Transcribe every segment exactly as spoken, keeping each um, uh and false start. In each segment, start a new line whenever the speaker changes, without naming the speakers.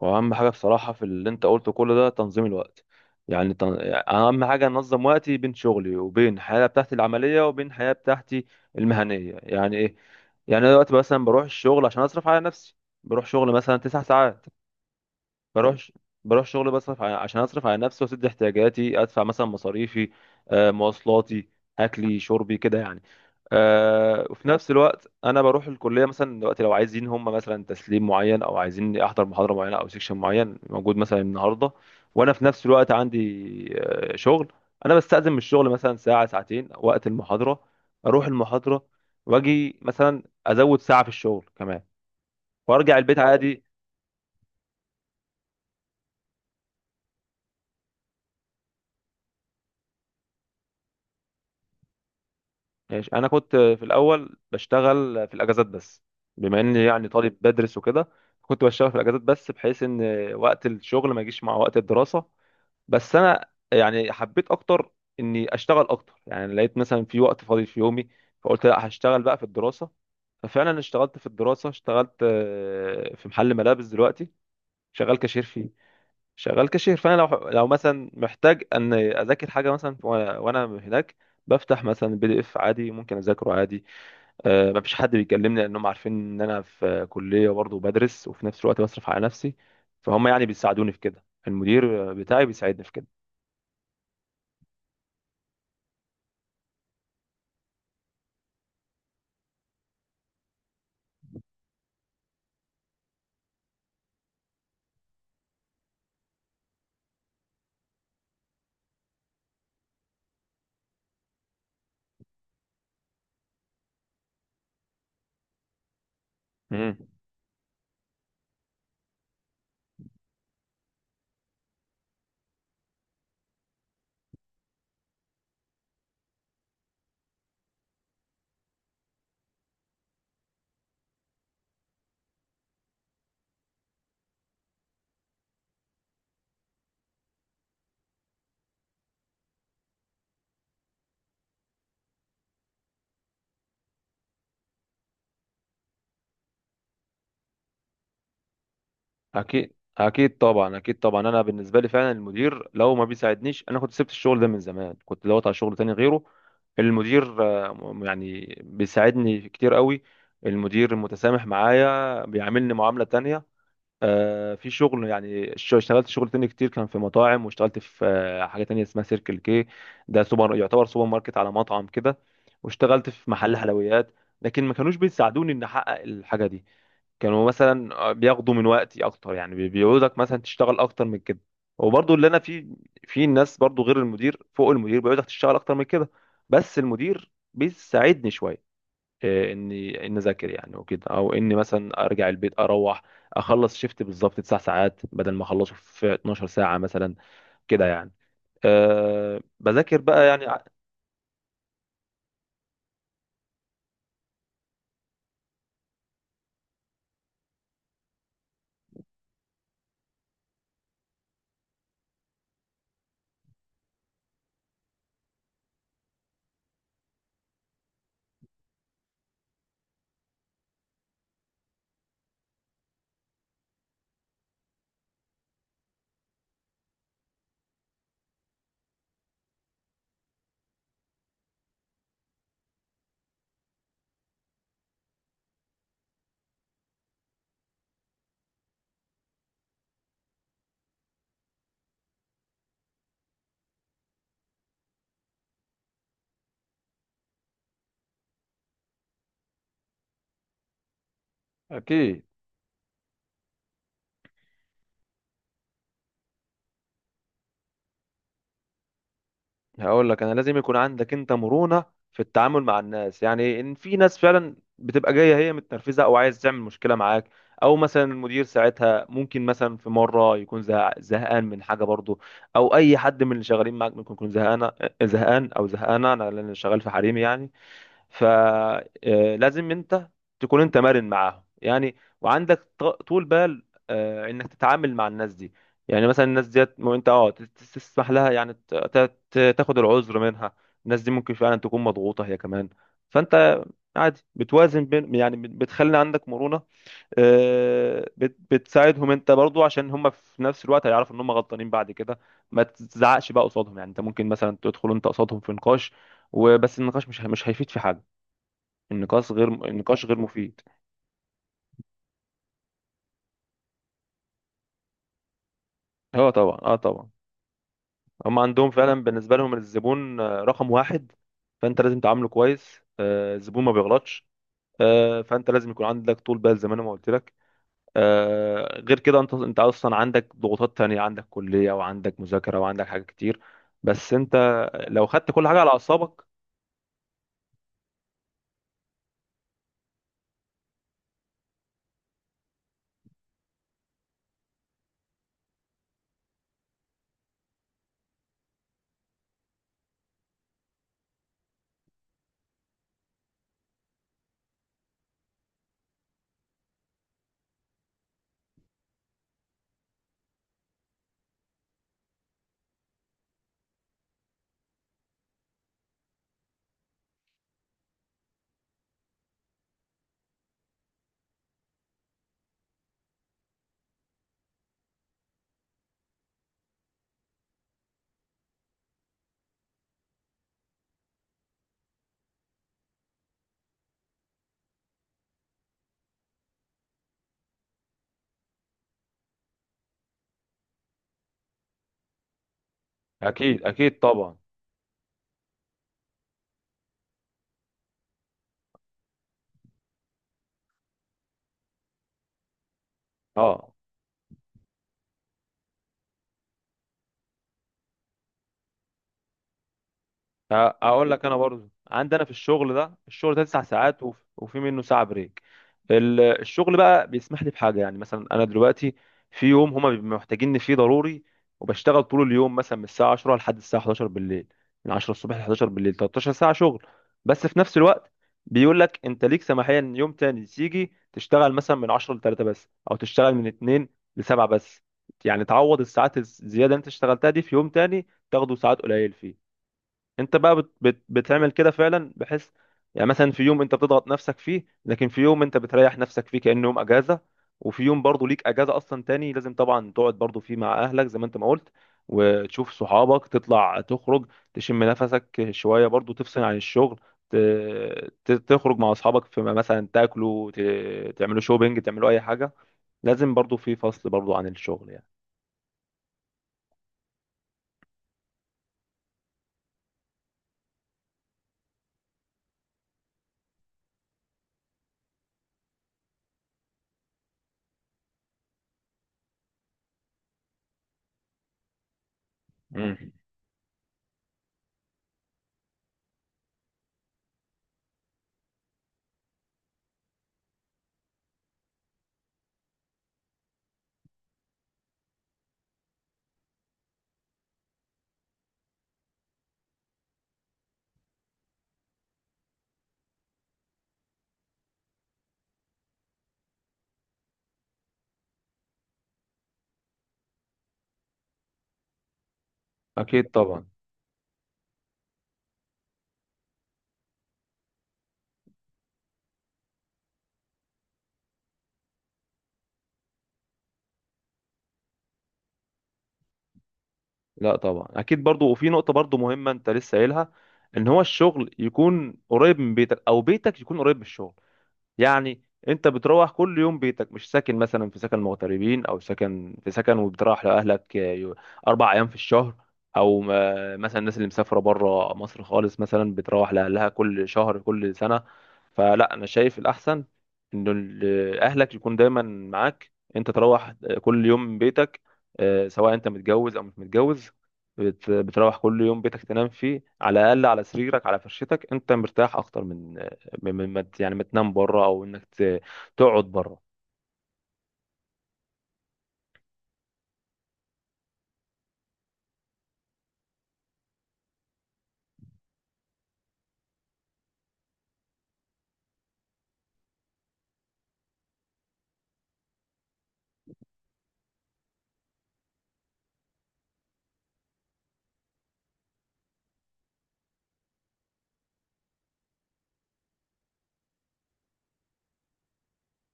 واهم حاجه بصراحه في اللي انت قلته كل ده تنظيم الوقت. يعني تن... اهم حاجه انظم وقتي بين شغلي وبين الحياه بتاعتي العمليه وبين الحياه بتاعتي المهنيه، يعني ايه؟ يعني انا دلوقتي مثلا بروح الشغل عشان اصرف على نفسي، بروح شغل مثلا تسع ساعات. بروح بروح شغل بصرف على... عشان اصرف على نفسي واسد احتياجاتي، ادفع مثلا مصاريفي، آه، مواصلاتي، اكلي شربي كده يعني. آه، وفي نفس الوقت انا بروح الكليه مثلا دلوقتي، لو عايزين هم مثلا تسليم معين او عايزين احضر محاضره معينه او سيكشن معين موجود مثلا النهارده، وانا في نفس الوقت عندي آه، شغل. انا بستأذن من الشغل مثلا ساعه ساعتين وقت المحاضره، اروح المحاضره واجي مثلا ازود ساعه في الشغل كمان، وارجع البيت عادي. ماشي، انا كنت في الاول بشتغل في الاجازات بس، بما اني يعني طالب بدرس وكده، كنت بشتغل في الاجازات بس بحيث ان وقت الشغل ما يجيش مع وقت الدراسة. بس انا يعني حبيت اكتر اني اشتغل اكتر، يعني لقيت مثلا في وقت فاضي في يومي، فقلت لا، هشتغل بقى في الدراسة. ففعلا اشتغلت في الدراسة، اشتغلت آه، في محل ملابس دلوقتي، شغال كاشير فيه. شغال كاشير، فانا لو لو مثلا محتاج ان اذاكر حاجه مثلا وانا وأنا هناك، بفتح مثلا بي دي اف عادي، ممكن اذاكره عادي. أه، مفيش حد بيكلمني، لانهم عارفين ان انا في كليه برضه بدرس وفي نفس الوقت بصرف على نفسي. فهم يعني بيساعدوني في كده، المدير بتاعي بيساعدني في كده. مم. اكيد اكيد، طبعا اكيد طبعا، انا بالنسبه لي فعلا المدير لو ما بيساعدنيش انا كنت سبت الشغل ده من زمان، كنت دورت على شغل تاني غيره. المدير آه، م- يعني بيساعدني كتير قوي. المدير متسامح معايا، بيعاملني معامله تانية، آه، في شغل يعني الش- اشتغلت شغل تاني كتير، كان في مطاعم، واشتغلت في آه، حاجه تانية اسمها سيركل كي، ده سوبر، يعتبر سوبر ماركت على مطعم كده. واشتغلت في محل مم. حلويات، لكن ما كانوش بيساعدوني ان احقق الحاجه دي. كانوا مثلا آه، بياخدوا من وقتي اكتر، يعني بي- بيقعدك مثلا تشتغل اكتر من كده. وبرضه اللي انا فيه، في ناس برضه غير المدير فوق المدير بيقعدك تشتغل اكتر من كده، بس المدير بيساعدني شويه، إيه، اني ان اذاكر يعني وكده، او اني مثلا ارجع البيت، اروح اخلص شيفت بالظبط تسع ساعات بدل ما اخلصه في اتناشر ساعه مثلا، كده يعني. أه بذاكر بقى يعني ع- أكيد. هقول لك انا لازم يكون عندك انت مرونة في التعامل مع الناس، يعني ان في ناس فعلا بتبقى جاية هي متنرفزة او عايز تعمل مشكلة معاك، او مثلا المدير ساعتها ممكن مثلا في مرة يكون زه- زهقان من حاجة برضه، او اي حد من اللي شغالين معاك ممكن يكون زهقان، زهقان او زهقانة، انا لان شغال في حريمي يعني. فلازم انت تكون انت مرن معاهم يعني، وعندك ط- طول بال آه، انك تتعامل مع الناس دي. يعني مثلا الناس ديت مو انت اه ت- ت- تسمح لها، يعني ت- ت- ت- تاخد العذر منها، الناس دي ممكن فعلا تكون مضغوطة هي كمان. فانت عادي بتوازن بين يعني بت- بتخلي عندك مرونة، آه، بت- بتساعدهم انت برضو، عشان هم في نفس الوقت هيعرفوا ان هم غلطانين بعد كده. ما تزعقش بقى قصادهم، يعني انت ممكن مثلا تدخل انت قصادهم في نقاش، وبس النقاش مش مش هيفيد في حاجة، النقاش غير، النقاش غير مفيد. اه طبعا، اه طبعا، هم عندهم فعلا بالنسبه لهم الزبون آه، رقم واحد، فانت لازم تعامله كويس، آه، الزبون ما بيغلطش. آه، فانت لازم يكون عندك طول بال زي ما انا ما قلت لك. آه، غير كده انت انت اصلا عندك ضغوطات تانية، عندك كليه وعندك مذاكره وعندك حاجات كتير، بس انت لو خدت كل حاجه على اعصابك. اكيد اكيد طبعا. اه ه- هقول لك انا برضو عندنا في الشغل ده، الشغل ده تسع ساعات وف- وفي منه ساعه بريك. ال- الشغل بقى بيسمح لي بحاجه، يعني مثلا انا دلوقتي في يوم هما بيبقوا محتاجيني فيه ضروري، وبشتغل طول اليوم مثلا من الساعه عشرة لحد الساعه احد عشر بالليل، من عشرة الصبح ل احد عشر بالليل، تلتاشر ساعه شغل. بس في نفس الوقت بيقول لك انت ليك سماحيه ان يوم تاني تيجي تشتغل مثلا من عشرة ل تلاتة بس، او تشتغل من اتنين ل سبعة بس، يعني تعوض الساعات الزياده اللي انت اشتغلتها دي في يوم تاني تاخده ساعات قليل فيه. انت بقى بت بت بتعمل كده فعلا، بحيث يعني مثلا في يوم انت بتضغط نفسك فيه، لكن في يوم انت بتريح نفسك فيه كأنه يوم اجازة. وفي يوم برضه ليك اجازة اصلا تاني، لازم طبعا تقعد برضه فيه مع اهلك زي ما انت ما قلت، وتشوف صحابك، تطلع تخرج، تشم نفسك شوية برضه، تفصل عن الشغل، ت- ت- تخرج مع اصحابك، في مثلا تاكلوا، ت- تعملوا شوبينج، تعملوا اي حاجة. لازم برضه في فصل برضه عن الشغل يعني. مم. اكيد طبعا. لا طبعا اكيد برضو، وفي نقطه برضو مهمه انت لسه قايلها، ان هو الشغل يكون قريب من بيتك او بيتك يكون قريب من الشغل، يعني انت بتروح كل يوم بيتك، مش ساكن مثلا في سكن مغتربين او سكن في سكن، وبتروح لاهلك آه، يو- اربع ايام في الشهر، او ما- مثلا الناس اللي مسافره بره مصر خالص مثلا بتروح لاهلها كل شهر كل سنه. فلا انا شايف الاحسن ان ال- اهلك يكون دايما معاك، انت تروح كل يوم من بيتك، آه، سواء انت متجوز او مش متجوز، بت- بتروح كل يوم بيتك، تنام فيه على الاقل، على سريرك على فرشتك، انت مرتاح اكتر من م- م- ما ت- يعني ما تنام بره، او انك ت- تقعد بره.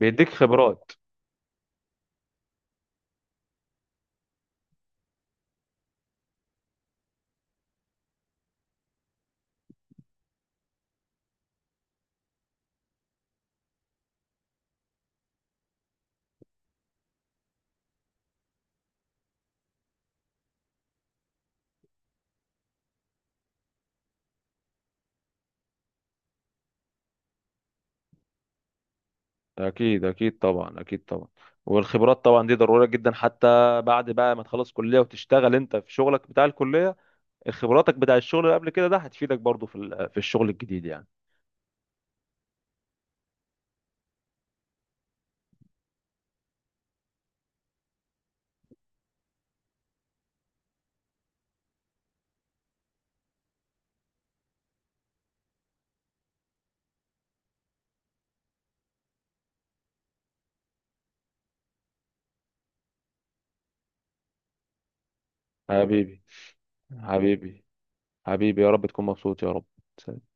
بيديك خبرات. اكيد اكيد طبعا، اكيد طبعا. والخبرات طبعا دي ضرورية جدا، حتى بعد بقى ما تخلص كلية وتشتغل انت في شغلك بتاع الكلية، خبراتك بتاع الشغل اللي قبل كده ده هتفيدك برضو في ال- في الشغل الجديد يعني. حبيبي. حبيبي. حبيبي، يا رب تكون مبسوط يا رب.